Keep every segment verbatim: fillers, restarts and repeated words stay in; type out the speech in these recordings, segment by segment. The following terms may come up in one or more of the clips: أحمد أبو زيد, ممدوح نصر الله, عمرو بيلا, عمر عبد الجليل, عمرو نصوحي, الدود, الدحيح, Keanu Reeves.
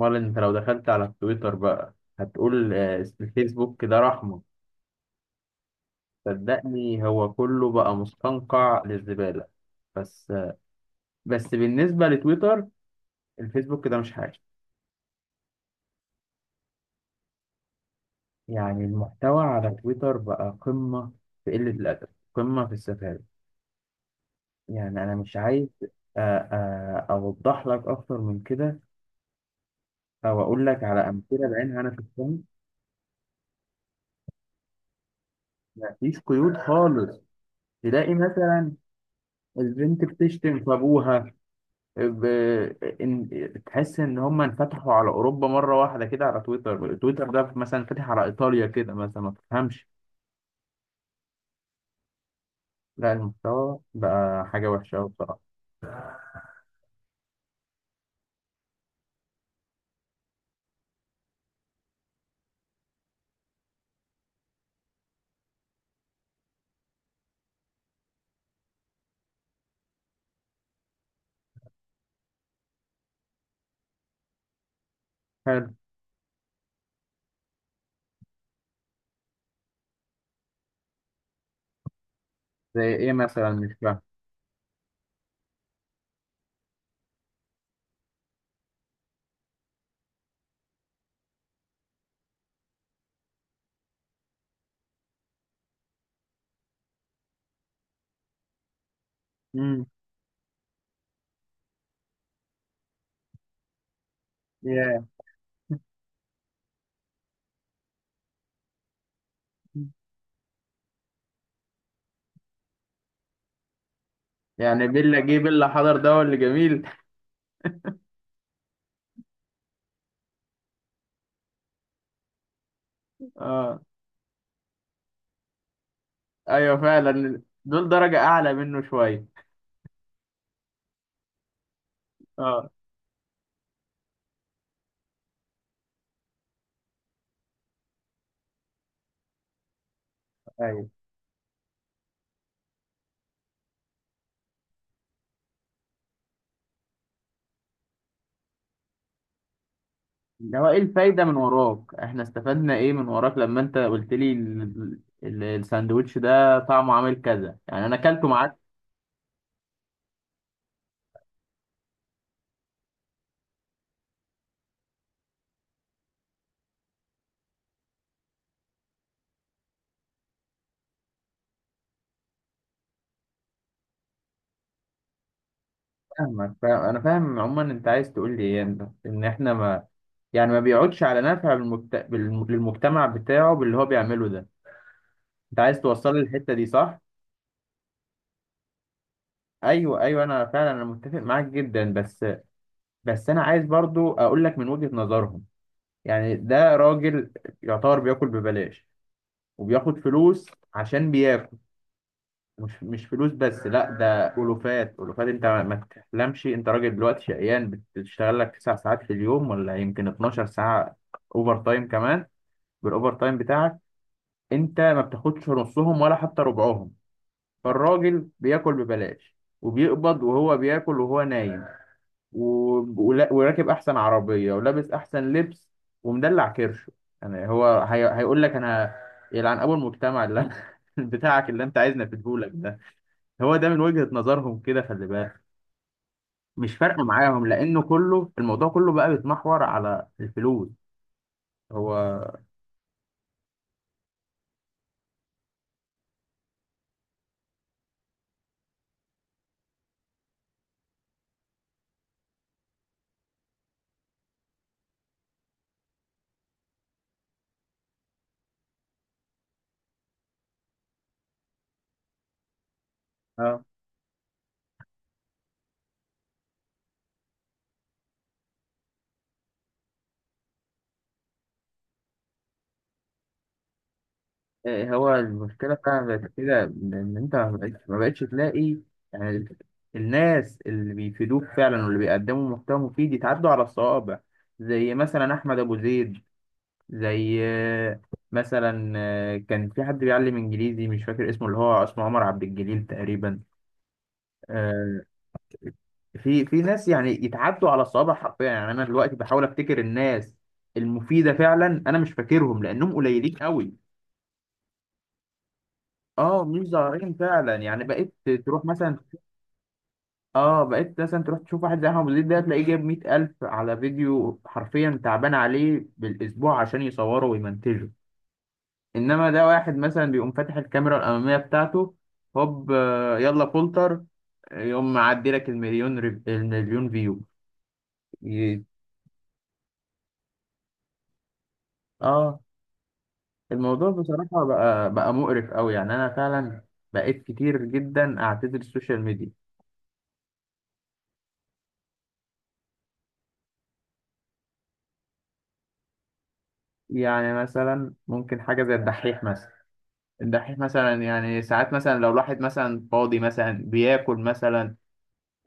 امال انت لو دخلت على التويتر بقى هتقول آه، الفيسبوك ده رحمة. صدقني هو كله بقى مستنقع للزبالة. بس آه، بس بالنسبة لتويتر الفيسبوك ده مش حاجة. يعني المحتوى على تويتر بقى قمة في قلة الأدب، قمة في السفالة. يعني أنا مش عايز. آه، آه، أوضح لك أكتر من كده، أو أقول لك على أمثلة بعينها أنا شفتها. مفيش قيود خالص. تلاقي مثلا البنت بتشتم في أبوها. ب- إن- تحس ان هم انفتحوا على اوروبا مره واحده كده. على تويتر، تويتر ده مثلا فاتح على ايطاليا كده مثلا ما تفهمش. لا المحتوى بقى حاجه وحشه قوي بصراحه. حلو. زي ايه مثلا؟ مش فاهم. امم. ياه. يعني بيلا جه بيلا حضر ده هو اللي جميل. اه. ايوه فعلا دول درجه اعلى منه شويه. اه. ايوه. ده هو ايه الفايدة من وراك؟ احنا استفدنا ايه من وراك لما انت قلت لي ال- ال- الساندوتش ده طعمه عامل كذا؟ يعني انا اكلته معاك. فاهمك. فا- انا فاهم عموما انت عايز تقول لي ايه. انت ان احنا ما يعني ما بيقعدش على نفع بالمجت... بالم- للمجتمع بتاعه باللي هو بيعمله ده. انت عايز توصل لي الحتة دي، صح؟ ايوه ايوه، انا فعلا انا متفق معاك جدا. بس بس انا عايز برضو اقول لك من وجهة نظرهم. يعني ده راجل يعتبر بياكل ببلاش وبياخد فلوس عشان بياكل. مش مش فلوس بس، لا ده ألوفات ألوفات. أنت ما تحلمش. أنت راجل دلوقتي شقيان بتشتغل لك تسع ساعات في اليوم، ولا يمكن 12 ساعة أوفر تايم كمان. بالأوفر تايم بتاعك أنت ما بتاخدش نصهم ولا حتى ربعهم. فالراجل بياكل ببلاش وبيقبض، وهو بياكل وهو نايم. و... ولا- وراكب أحسن عربية ولابس أحسن لبس ومدلع كرشه. يعني هو هي... هيقول لك أنا يلعن أبو المجتمع اللي بتاعك اللي أنت عايزنا في. هو ده من وجهة نظرهم كده، خلي بالك. مش فارقة معاهم، لأنه كله الموضوع كله بقى بيتمحور على الفلوس. هو اه. إيه هو المشكلة فعلا بقت كده، إن إن أنت ما بقتش ما بقتش تلاقي يعني ال- الناس اللي بيفيدوك فعلا واللي بيقدموا محتوى مفيد يتعدوا على الصوابع. زي مثلا أحمد أبو زيد، زي آه، مثلا آه، كان في حد بيعلم إنجليزي مش فاكر اسمه، اللي هو اسمه عمر عبد الجليل تقريبا. آه، في في ناس يعني يتعدوا على الصوابع حرفيا. يعني انا دلوقتي بحاول افتكر الناس المفيده فعلا انا مش فاكرهم لانهم قليلين قوي. اه مش ظاهرين فعلا. يعني بقيت تروح مثلا، اه بقيت مثلا تروح تشوف واحد زي احمد زيد ده تلاقيه جايب مية الف على فيديو حرفيا تعبان عليه بالاسبوع عشان يصوره ويمنتجه. انما ده واحد مثلا بيقوم فاتح الكاميرا الاماميه بتاعته، هوب آه، يلا فولتر، يقوم معدي لك المليون ريف- المليون فيو. ي- اه. الموضوع بصراحة بقى بقى مقرف أوي. يعني أنا فعلا بقيت كتير جدا أعتذر السوشيال ميديا. يعني مثلا ممكن حاجة زي الدحيح مثلا. الدحيح مثلا يعني ساعات مثلا لو الواحد مثلا فاضي مثلا بياكل مثلا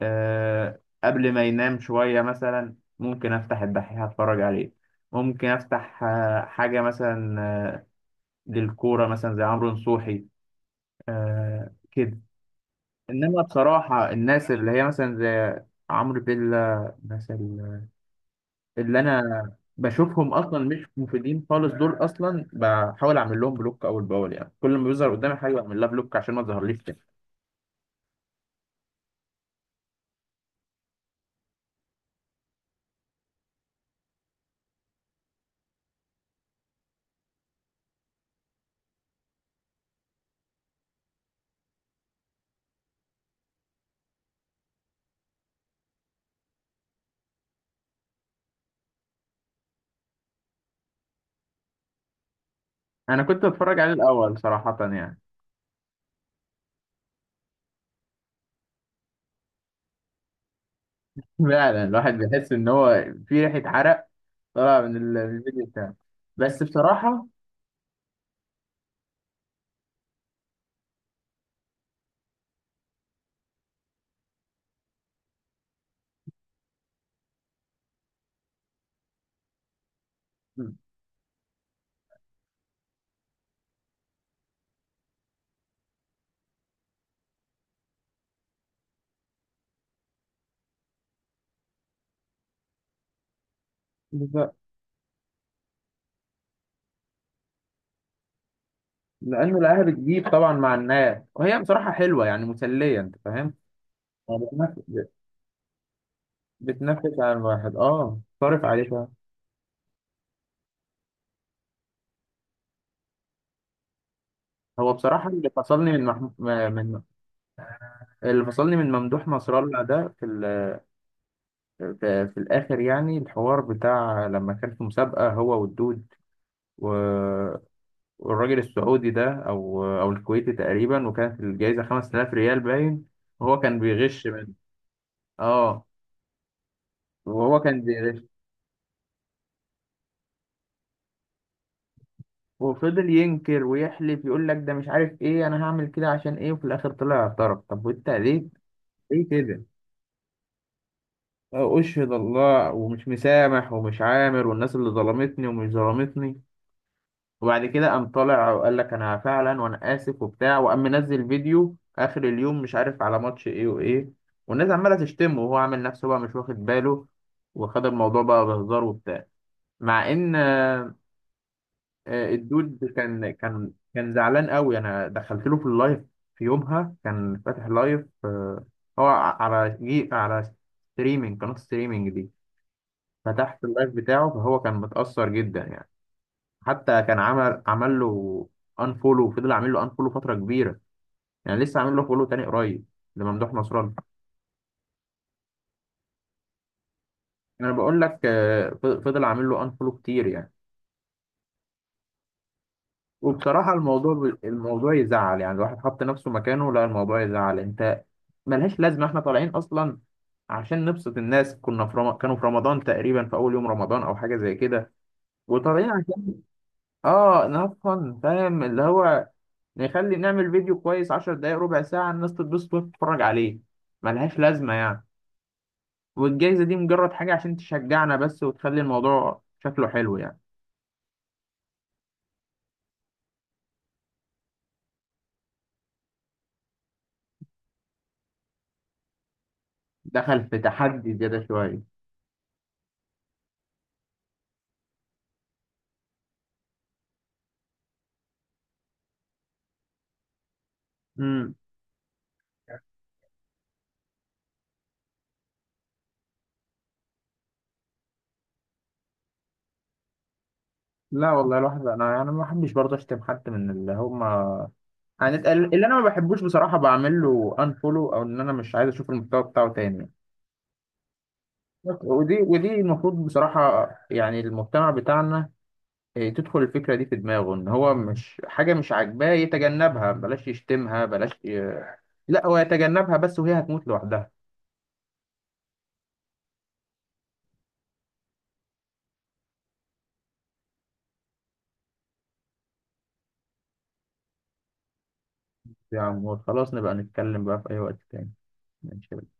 آه قبل ما ينام شوية مثلا ممكن أفتح الدحيح أتفرج عليه. ممكن أفتح آه حاجة مثلا آه للكورة مثلا زي عمرو نصوحي آه كده. إنما بصراحة الناس اللي هي مثلا زي عمرو بيلا مثلا، اللي انا بشوفهم اصلا مش مفيدين خالص. دول اصلا بحاول اعمل لهم بلوك اول باول، يعني كل ما بيظهر قدامي حاجه بعمل لها بلوك عشان ما تظهرليش تاني. انا كنت بتفرج عليه الاول صراحه يعني. فعلا الواحد بيحس ان هو في ريحه عرق طالعه من ال- من الفيديو بتاعه. بس بصراحه. بز- لانه لقاها بتجيب طبعا مع الناس وهي بصراحه حلوه يعني مسليه، انت فاهم؟ يعني بتنفس، بتنفس على الواحد اه صارف عليه شويه. هو بصراحه اللي فصلني من محمود من اللي فصلني من ممدوح نصر الله ده في ال... في, في الآخر يعني الحوار بتاع لما كان في مسابقة هو والدود و... والراجل السعودي ده أو أو الكويتي تقريبا، وكانت الجايزة خمس تلاف ريال باين، وهو كان بيغش منه. اه وهو كان بيغش وفضل ينكر ويحلف يقول لك ده مش عارف ايه، انا هعمل كده عشان ايه؟ وفي الاخر طلع اعترف. طب وانت ليه؟ ليه كده؟ اه اشهد الله ومش مسامح ومش عامر والناس اللي ظلمتني ومش ظلمتني. وبعد كده قام طالع وقال لك انا فعلا وانا اسف وبتاع، وقام منزل فيديو اخر اليوم مش عارف على ماتش ايه وايه. والناس عماله تشتمه وهو عامل نفسه بقى مش واخد باله وخد الموضوع بقى بهزار وبتاع. مع ان آه، آه، الدود كان كان كان زعلان قوي. انا دخلت له في اللايف. في يومها كان فاتح لايف آه، هو على جي على ستريمينج، قناه ستريمينج دي. فتحت اللايف بتاعه فهو كان متأثر جدا يعني. حتى كان عمل عمل له انفولو، وفضل عامل له انفولو فتره كبيره. يعني لسه عامل له فولو تاني قريب لممدوح نصران. انا بقول لك آه، ف- فضل عامل له انفولو كتير يعني. وبصراحه الموضوع ب- الموضوع يزعل يعني، الواحد حط نفسه مكانه. لا الموضوع يزعل انت. ملهاش لازمه، احنا طالعين اصلا عشان نبسط الناس. كنا في رم... كانوا في رمضان تقريبا في اول يوم رمضان او حاجه زي كده وطالعين عشان اه نفهم، فاهم اللي هو نخلي نعمل فيديو كويس عشر دقايق ربع ساعة الناس تتبسط وتتفرج عليه. ملهاش لازمة يعني. والجايزة دي مجرد حاجة عشان تشجعنا بس وتخلي الموضوع شكله حلو يعني. دخل في تحدي زيادة شوية. امم. لا والله الواحد انا انا ما بحبش برضه اشتم حد من اللي هم. يعني اللي انا ما بحبوش بصراحة بعمل له انفولو او ان انا مش عايز اشوف المحتوى بتاعه تاني. ودي ودي المفروض بصراحة يعني المجتمع بتاعنا إيه، تدخل الفكرة دي في دماغه ان هو مش حاجة مش عاجباه يتجنبها، بلاش يشتمها، بلاش ي... لا هو يتجنبها بس وهي هتموت لوحدها. يا عمور خلاص نبقى نتكلم بقى في اي وقت تاني. ماشي.